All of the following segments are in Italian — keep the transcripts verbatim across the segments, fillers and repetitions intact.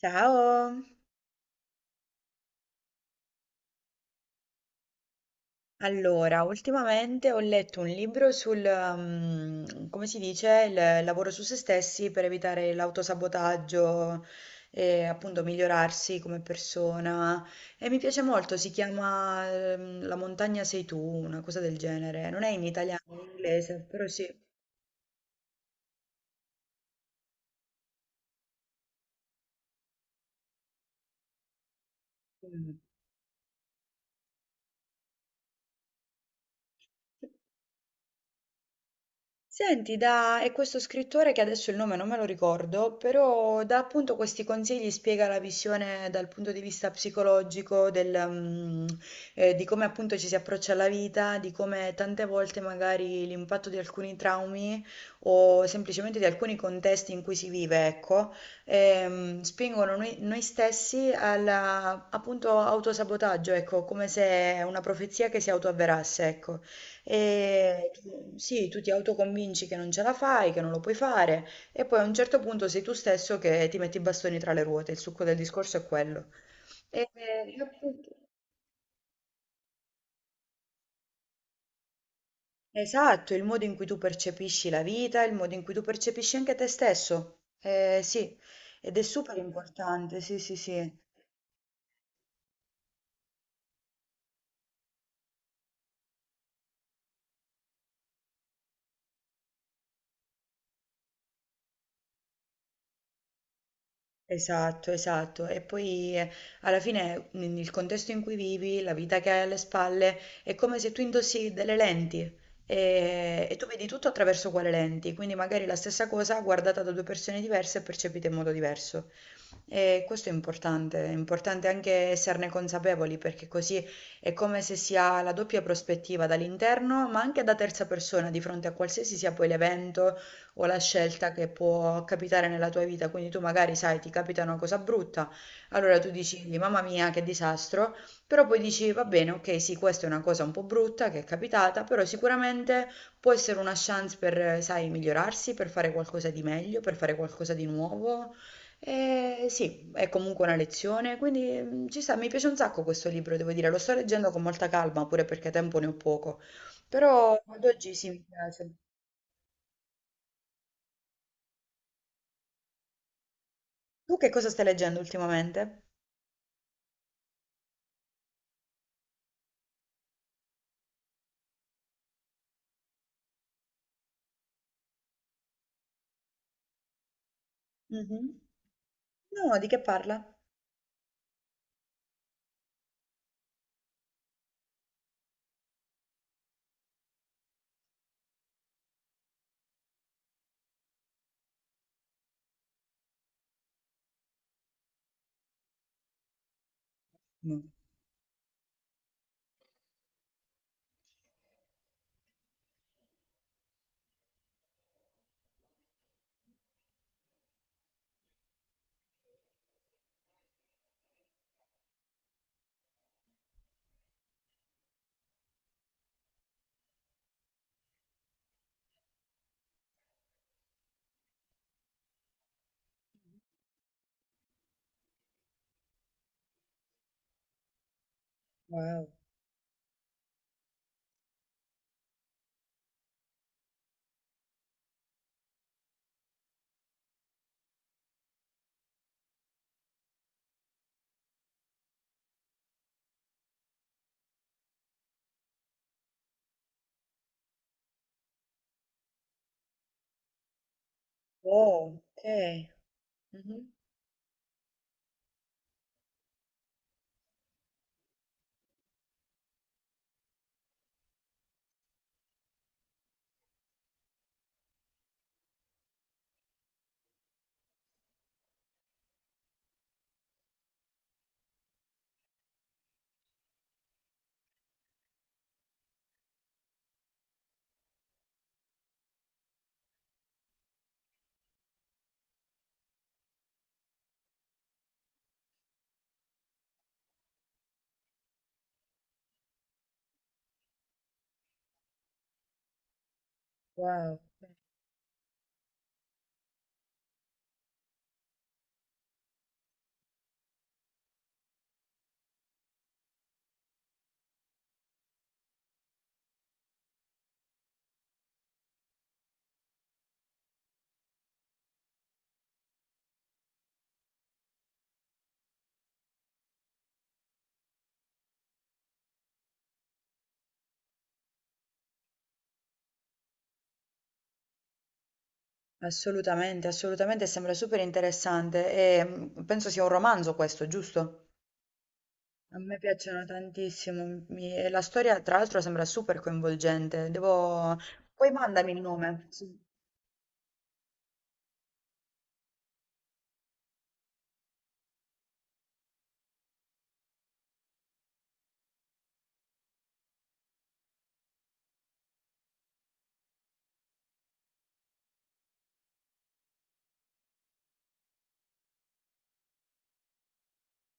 Ciao! Allora, ultimamente ho letto un libro sul, mm, come si dice, il lavoro su se stessi per evitare l'autosabotaggio e appunto migliorarsi come persona. E mi piace molto, si chiama, ehm, La montagna sei tu, una cosa del genere. Non è in italiano, è in inglese, però sì. Mm. Senti, da è questo scrittore che adesso il nome non me lo ricordo, però dà appunto questi consigli, spiega la visione dal punto di vista psicologico del, mm, eh, di come appunto ci si approccia alla vita, di come tante volte magari l'impatto di alcuni traumi o semplicemente di alcuni contesti in cui si vive, ecco, ehm, spingono noi, noi stessi alla appunto autosabotaggio, ecco, come se una profezia che si autoavverasse, ecco. E tu- sì, tu ti autoconvinci che non ce la fai, che non lo puoi fare, e poi a un certo punto sei tu stesso che ti metti i bastoni tra le ruote. Il succo del discorso è quello. E- e appunto- Esatto, il modo in cui tu percepisci la vita, il modo in cui tu percepisci anche te stesso. Eh, sì, ed è super importante, sì, sì, sì. Esatto, esatto. E poi eh, alla fine n- il contesto in cui vivi, la vita che hai alle spalle, è come se tu indossi delle lenti e, e tu vedi tutto attraverso quelle lenti. Quindi magari la stessa cosa guardata da due persone diverse e percepita in modo diverso. E questo è importante, è importante anche esserne consapevoli perché così è come se si ha la doppia prospettiva dall'interno, ma anche da terza persona di fronte a qualsiasi sia poi l'evento o la scelta che può capitare nella tua vita. Quindi tu magari sai, ti capita una cosa brutta, allora tu dici, mamma mia, che disastro, però poi dici, va bene, ok, sì, questa è una cosa un po' brutta che è capitata, però sicuramente può essere una chance per, sai, migliorarsi, per fare qualcosa di meglio, per fare qualcosa di nuovo eh, sì, è comunque una lezione, quindi mm, ci sta, mi piace un sacco questo libro, devo dire, lo sto leggendo con molta calma, pure perché tempo ne ho poco, però ad oggi sì, mi piace. Tu che cosa stai leggendo ultimamente? Mhm. No, di che parla? Mm. Wow. Oh, ok. Mhm. Wow. Assolutamente, assolutamente, sembra super interessante e mm, penso sia un romanzo questo, giusto? A me piacciono tantissimo, mi- e la storia tra l'altro sembra super coinvolgente, devo. Poi mandami il nome, sì.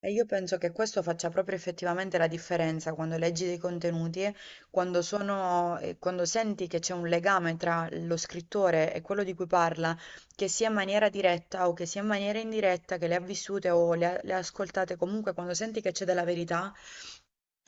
E io penso che questo faccia proprio effettivamente la differenza quando leggi dei contenuti, quando sono, eh, quando senti che c'è un legame tra lo scrittore e quello di cui parla, che sia in maniera diretta o che sia in maniera indiretta, che le ha vissute o le ha, le ha ascoltate, comunque quando senti che c'è della verità,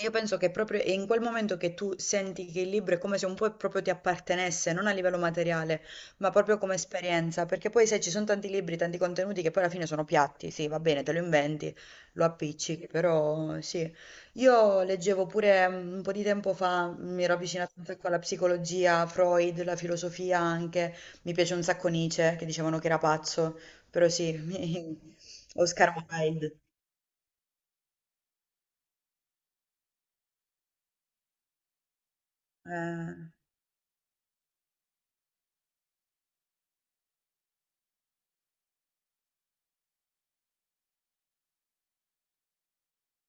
io penso che proprio è in quel momento che tu senti che il libro è come se un po' proprio ti appartenesse, non a livello materiale, ma proprio come esperienza, perché poi sai, ci sono tanti libri, tanti contenuti che poi alla fine sono piatti, sì, va bene, te lo inventi lo appiccichi, però sì. Io leggevo pure mm, un po' di tempo fa, mi ero avvicinata un sacco alla psicologia, Freud, la filosofia anche, mi piace un sacco Nietzsche, che dicevano che era pazzo, però sì, mi- Oscar Wilde. Eh,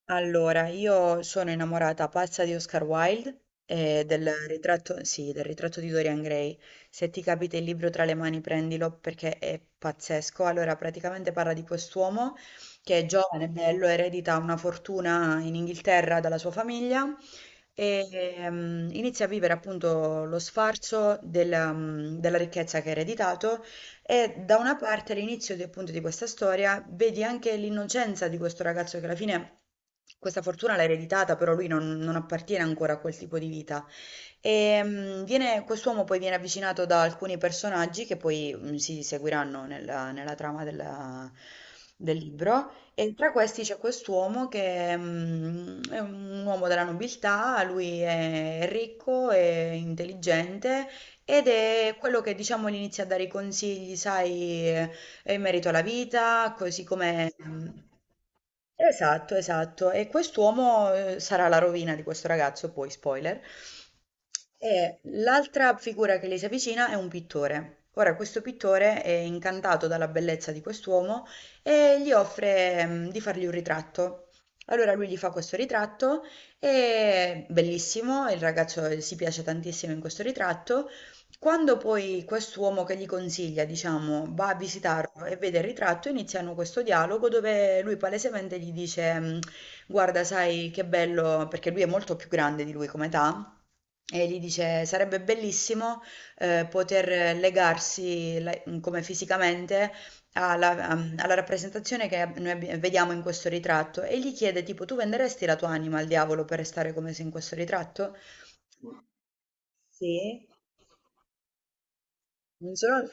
Allora, io sono innamorata pazza di Oscar Wilde e del ritratto, sì, del ritratto di Dorian Gray. Se ti capita il libro tra le mani, prendilo perché è pazzesco. Allora, praticamente parla di quest'uomo che è giovane, bello, eredita una fortuna in Inghilterra dalla sua famiglia e ehm, inizia a vivere appunto lo sfarzo del, mm, della ricchezza che ha ereditato e da una parte all'inizio di- appunto di questa storia vedi anche l'innocenza di questo ragazzo che alla fine questa fortuna l'ha ereditata, però lui non, non appartiene ancora a quel tipo di vita. E mh, viene- quest'uomo poi viene avvicinato da alcuni personaggi che poi mh, si seguiranno nella, nella trama della- del libro. E tra questi c'è quest'uomo che mh, è un uomo della nobiltà, lui è ricco, è intelligente ed è quello che diciamo gli inizia a dare i consigli, sai, eh, in merito alla vita, così come. mm, Esatto, esatto. E quest'uomo eh, sarà la rovina di questo ragazzo, poi spoiler. E l'altra figura che gli si avvicina è un pittore. Ora, questo pittore è incantato dalla bellezza di quest'uomo e gli offre, mm, di fargli un ritratto. Allora lui gli fa questo ritratto, è bellissimo, il ragazzo eh, si piace tantissimo in questo ritratto quando poi quest'uomo che gli consiglia, diciamo, va a visitarlo e vede il ritratto, iniziano questo dialogo dove lui palesemente gli dice, mh, guarda, sai che bello, perché lui è molto più grande di lui come età, e gli dice, sarebbe bellissimo eh, poter legarsi la- mm, come fisicamente alla, mm, alla rappresentazione che noi abbi- vediamo in questo ritratto. E gli chiede, tipo, tu venderesti la tua anima al diavolo per restare come sei in questo ritratto? Sì. Non solo.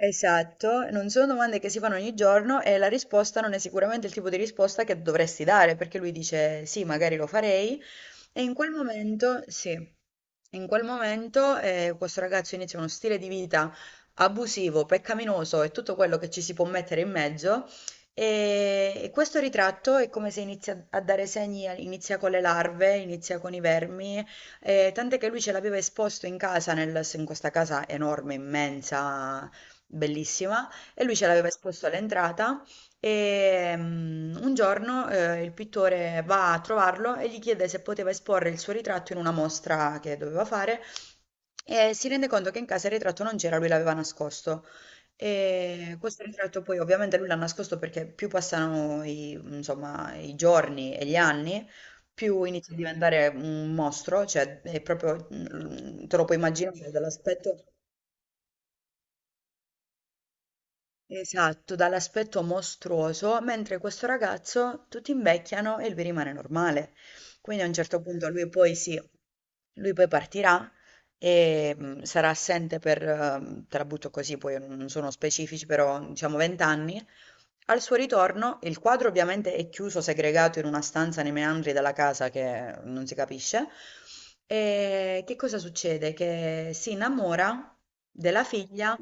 Esatto, non sono domande che si fanno ogni giorno e la risposta non è sicuramente il tipo di risposta che dovresti dare, perché lui dice sì, magari lo farei e in quel momento, sì, in quel momento eh, questo ragazzo inizia uno stile di vita abusivo, peccaminoso e tutto quello che ci si può mettere in mezzo e, e questo ritratto è come se inizia a dare segni, inizia con le larve, inizia con i vermi, eh, tant'è che lui ce l'aveva esposto in casa, nel- in questa casa enorme, immensa bellissima, e lui ce l'aveva esposto all'entrata e mm, un giorno eh, il pittore va a trovarlo e gli chiede se poteva esporre il suo ritratto in una mostra che doveva fare e si rende conto che in casa il ritratto non c'era, lui l'aveva nascosto. E questo ritratto poi ovviamente lui l'ha nascosto perché più passano i, insomma, i giorni e gli anni, più inizia a diventare un mostro, cioè è proprio, mm, te lo puoi immaginare dall'aspetto. Esatto, dall'aspetto mostruoso, mentre questo ragazzo tutti invecchiano e lui rimane normale. Quindi a un certo punto lui poi sì, lui poi partirà e mh, sarà assente per, eh, te la butto così, poi non non sono specifici, però diciamo venti anni al suo ritorno, il quadro ovviamente è chiuso, segregato in una stanza nei meandri della casa che non si capisce. E che cosa succede? Che si innamora della figlia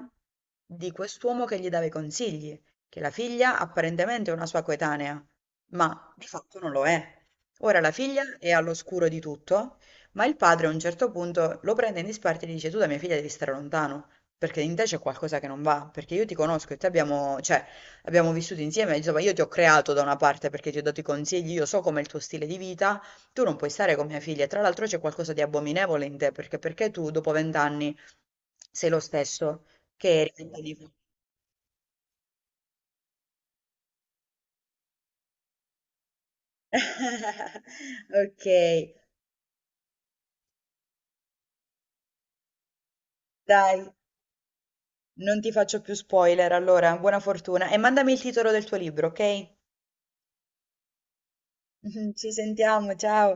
di quest'uomo che gli dava i consigli, che la figlia apparentemente è una sua coetanea, ma di fatto non lo è. Ora la figlia è all'oscuro di tutto, ma il padre a un certo punto lo prende in disparte e gli dice: Tu da mia figlia devi stare lontano, perché in te c'è qualcosa che non va, perché io ti conosco e te abbiamo, cioè, abbiamo vissuto insieme, insomma, io ti ho creato da una parte perché ti ho dato i consigli, io so com'è il tuo stile di vita, tu non puoi stare con mia figlia. Tra l'altro c'è qualcosa di abominevole in te, perché, perché tu dopo vent'anni sei lo stesso che eri vent'anni fa. Ok, dai, non ti faccio più spoiler, allora, buona fortuna e mandami il titolo del tuo libro, ok? Ci sentiamo, ciao.